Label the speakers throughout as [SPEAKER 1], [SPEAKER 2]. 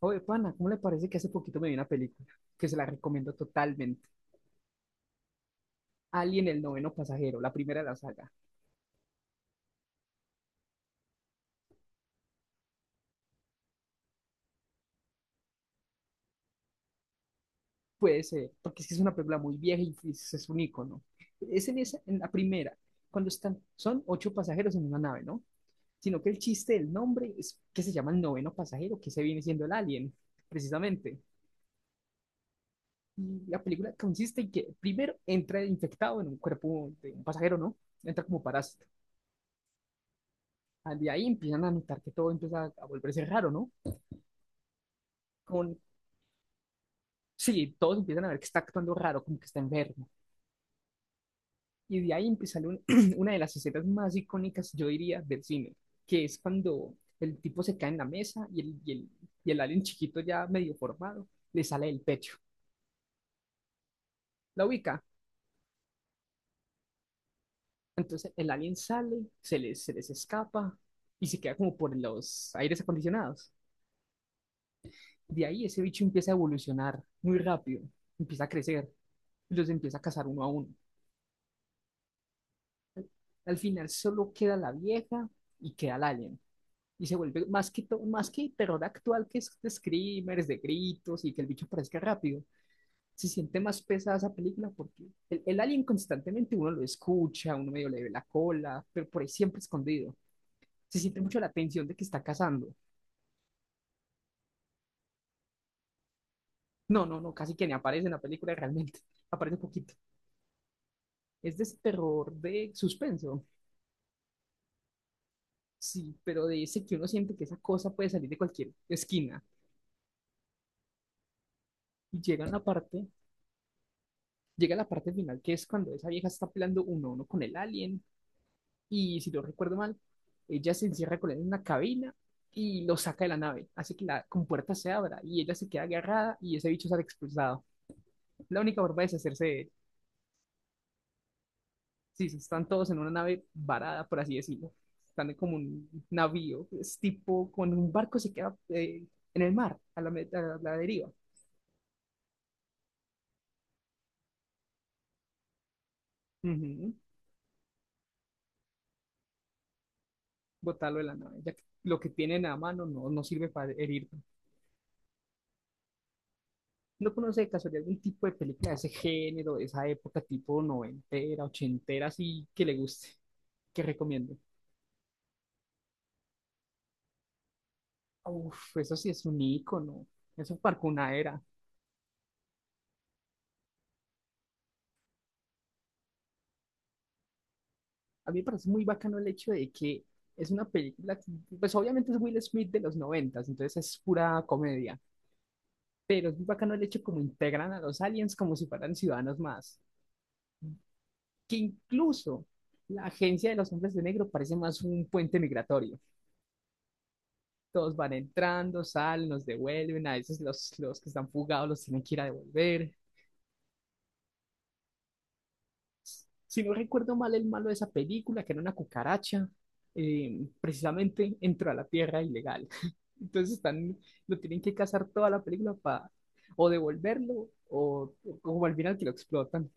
[SPEAKER 1] Oye, pana, ¿cómo le parece que hace poquito me vi una película que se la recomiendo totalmente? Alien, el noveno pasajero, la primera de la saga. Puede ser, porque es que es una película muy vieja y es un icono. Es en esa, en la primera, cuando están, son ocho pasajeros en una nave, ¿no? Sino que el chiste del nombre es que se llama el noveno pasajero, que se viene siendo el alien, precisamente. Y la película consiste en que primero entra infectado en un cuerpo de un pasajero, ¿no? Entra como parásito. Ah, de ahí empiezan a notar que todo empieza a volverse raro, ¿no? con Sí, todos empiezan a ver que está actuando raro, como que está enfermo. Y de ahí empieza una de las escenas más icónicas, yo diría, del cine, que es cuando el tipo se cae en la mesa y el alien chiquito ya medio formado le sale del pecho. La ubica. Entonces el alien sale, se les escapa y se queda como por los aires acondicionados. De ahí ese bicho empieza a evolucionar muy rápido, empieza a crecer y los empieza a cazar uno a uno. Al final solo queda la vieja y queda el alien. Y se vuelve más que terror actual que es de screamers, de gritos y que el bicho aparezca rápido. Se siente más pesada esa película porque el alien constantemente uno lo escucha, uno medio le ve la cola, pero por ahí siempre escondido. Se siente mucho la tensión de que está cazando. No, no, no, casi que ni aparece en la película realmente. Aparece poquito. Es de ese terror de suspenso. Sí, pero de ese que uno siente que esa cosa puede salir de cualquier esquina. Y llega la parte final, que es cuando esa vieja está peleando uno a uno con el alien y si no recuerdo mal, ella se encierra con él en una cabina y lo saca de la nave, hace que la compuerta se abra y ella se queda agarrada y ese bicho sale expulsado. La única forma de deshacerse de él. Sí, sí, están todos en una nave varada, por así decirlo. Están como un navío, es tipo con un barco se queda en el mar, a la deriva. Ujú. Botarlo de la nave, ya que lo que tienen a mano no sirve para herir. ¿No conoce de casualidad algún tipo de película de ese género, de esa época, tipo noventera, ochentera, así que le guste? Que recomiendo. Uf, eso sí es un ícono. Eso marcó una era. A mí me parece muy bacano el hecho de que es una película, que, pues obviamente es Will Smith de los noventas, entonces es pura comedia. Pero es muy bacano el hecho como integran a los aliens como si fueran ciudadanos más. Que incluso la agencia de los hombres de negro parece más un puente migratorio. Todos van entrando, salen, los devuelven. A veces los que están fugados los tienen que ir a devolver. Si no recuerdo mal, el malo de esa película, que era una cucaracha, precisamente entró a la tierra ilegal. Entonces están, lo tienen que cazar toda la película para o devolverlo o como al final que lo explotan.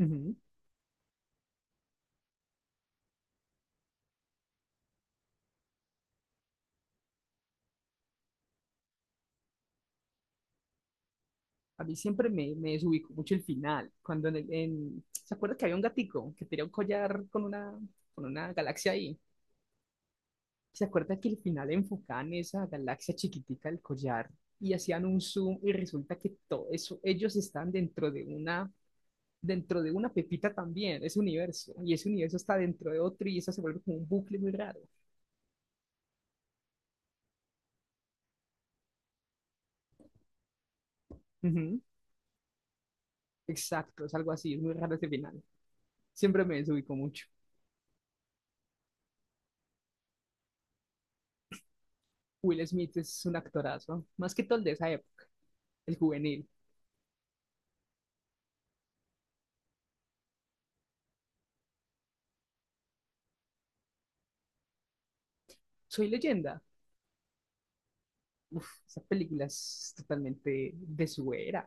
[SPEAKER 1] Ujú. A mí siempre me desubicó mucho el final. Cuando en el- en- ¿Se acuerda que había un gatico que tenía un collar con una galaxia ahí? ¿Se acuerda que al final enfocaban esa galaxia chiquitica del collar y hacían un zoom y resulta que todo eso, ellos están dentro de una pepita también, ese universo, y ese universo está dentro de otro y eso se vuelve como un bucle muy raro? Ujú, exacto, es algo así, es muy raro ese final. Siempre me desubicó mucho. Will Smith es un actorazo, más que todo el de esa época, el juvenil. Soy leyenda. Uf, esa película es totalmente de su era.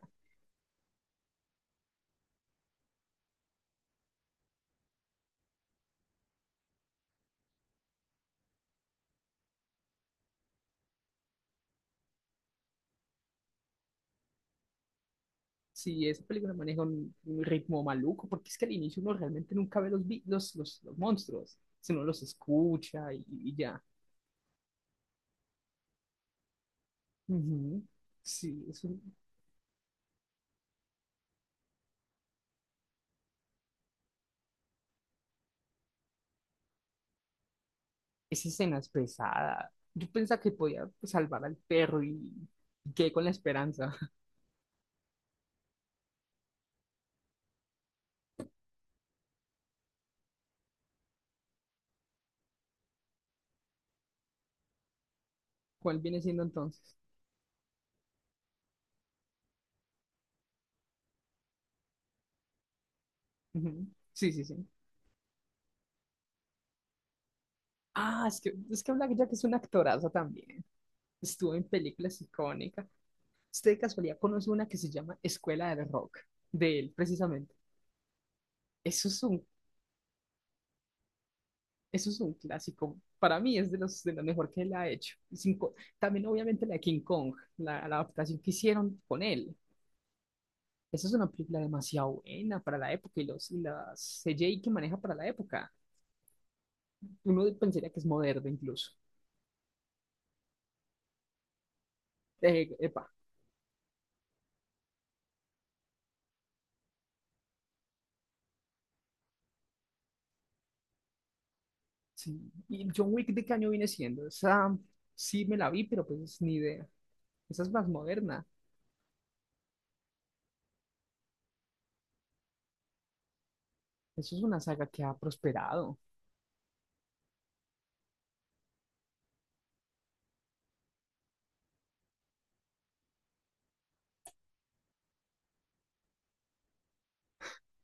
[SPEAKER 1] Sí, esa película maneja un ritmo maluco, porque es que al inicio uno realmente nunca ve los monstruos, sino los escucha y ya. Ujú. Sí, esa escena es pesada. Yo pensaba que podía pues, salvar al perro y quedé con la esperanza. ¿Cuál viene siendo entonces? Ujú. Sí, sí, sí. Ah, es que Black Jack es una actoraza también. Estuvo en películas icónicas. ¿Usted de casualidad conoce una que se llama Escuela del Rock? De él, precisamente. Eso es un Eso es un clásico. Para mí es de los de lo mejor que él ha hecho. Sin co- También obviamente la de King Kong, la adaptación que hicieron con él. Esa es una película demasiado buena para la época y los y las CGI que maneja para la época. Uno pensaría que es moderno incluso. Epa, sí. ¿Y John Wick de qué año viene siendo? Esa sí me la vi, pero pues ni idea. Esa es más moderna. Eso es una saga que ha prosperado.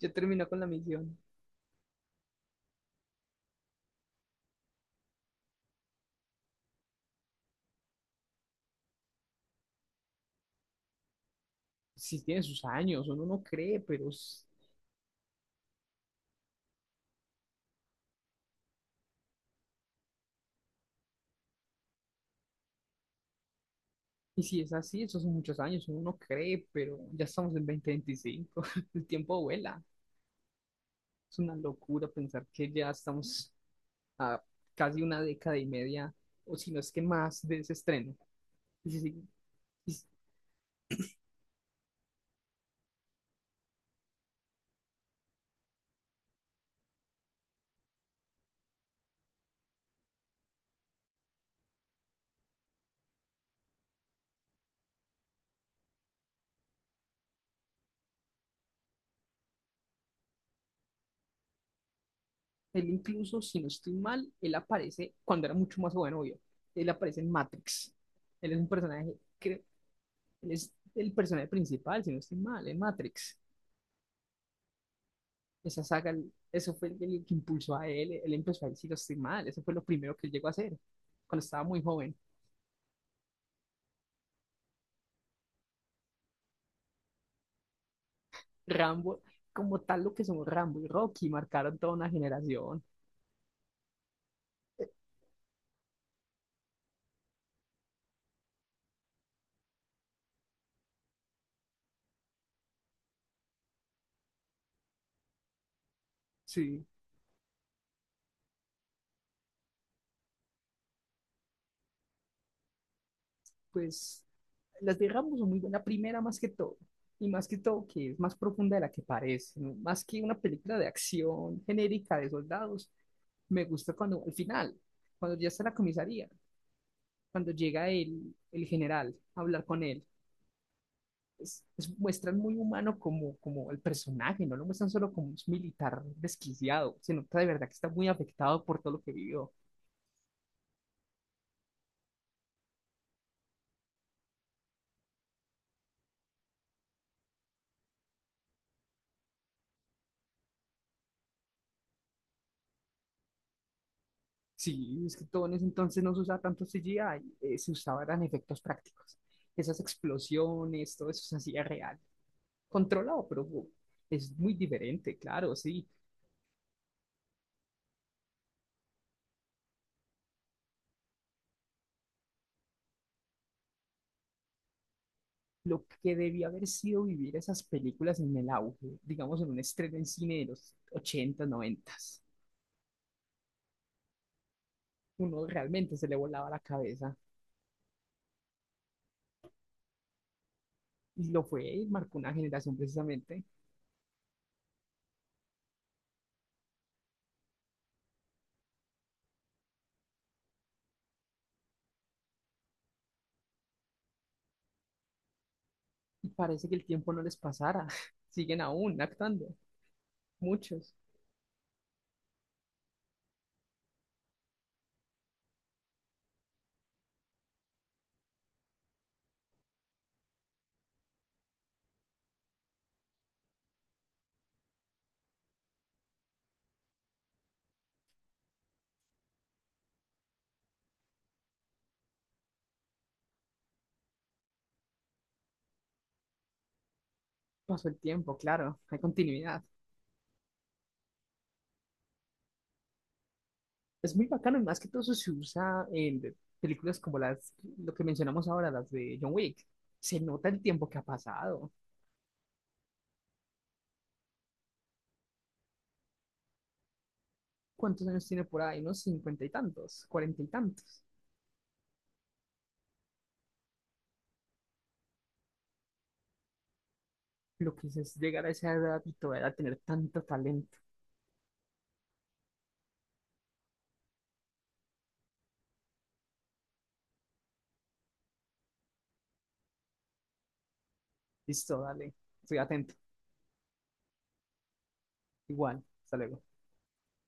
[SPEAKER 1] Ya terminó con la misión. Sí tiene sus años, uno no cree, y si es así, esos son muchos años, uno no cree, pero ya estamos en 2025. El tiempo vuela. Es una locura pensar que ya estamos a casi una década y media, o si no es que más, de ese estreno. Y si- si- y si- Él incluso, si no estoy mal, él aparece cuando era mucho más joven, obvio. Él aparece en Matrix. Él es un personaje, creo, él es el personaje principal, si no estoy mal, en Matrix. Esa saga, eso fue el que impulsó a él, él empezó a ir, si no estoy mal, eso fue lo primero que él llegó a hacer, cuando estaba muy joven. Rambo, como tal lo que son Rambo y Rocky, marcaron toda una generación. Eh, Sí, pues las de Rambo son muy buenas, la primera más que todo, y más que todo que es más profunda de la que parece, ¿no? Más que una película de acción genérica de soldados, me gusta cuando al final, cuando ya está en la comisaría, cuando llega el general a hablar con él muestran muy humano como el personaje, no lo muestran solo como un militar desquiciado, se nota de verdad que está muy afectado por todo lo que vivió. Sí, es que todo en ese entonces no se usaba tanto CGI, se usaban efectos prácticos. Esas explosiones, todo eso se hacía real, controlado, pero es muy diferente, claro, sí. Lo que debía haber sido vivir esas películas en el auge, digamos en un estreno en cine de los ochenta, 90. Uno realmente se le volaba la cabeza. Y lo fue, y marcó una generación precisamente. Y parece que el tiempo no les pasara. Siguen aún actuando, muchos. Pasó el tiempo, claro, hay continuidad. Es muy bacano, y más que todo eso se usa en películas como las, lo que mencionamos ahora, las de John Wick. Se nota el tiempo que ha pasado. ¿Cuántos años tiene por ahí? Unos cincuenta y tantos, cuarenta y tantos. Lo que es llegar a esa edad y todavía tener tanto talento. Listo, dale, estoy atento. Igual, hasta luego.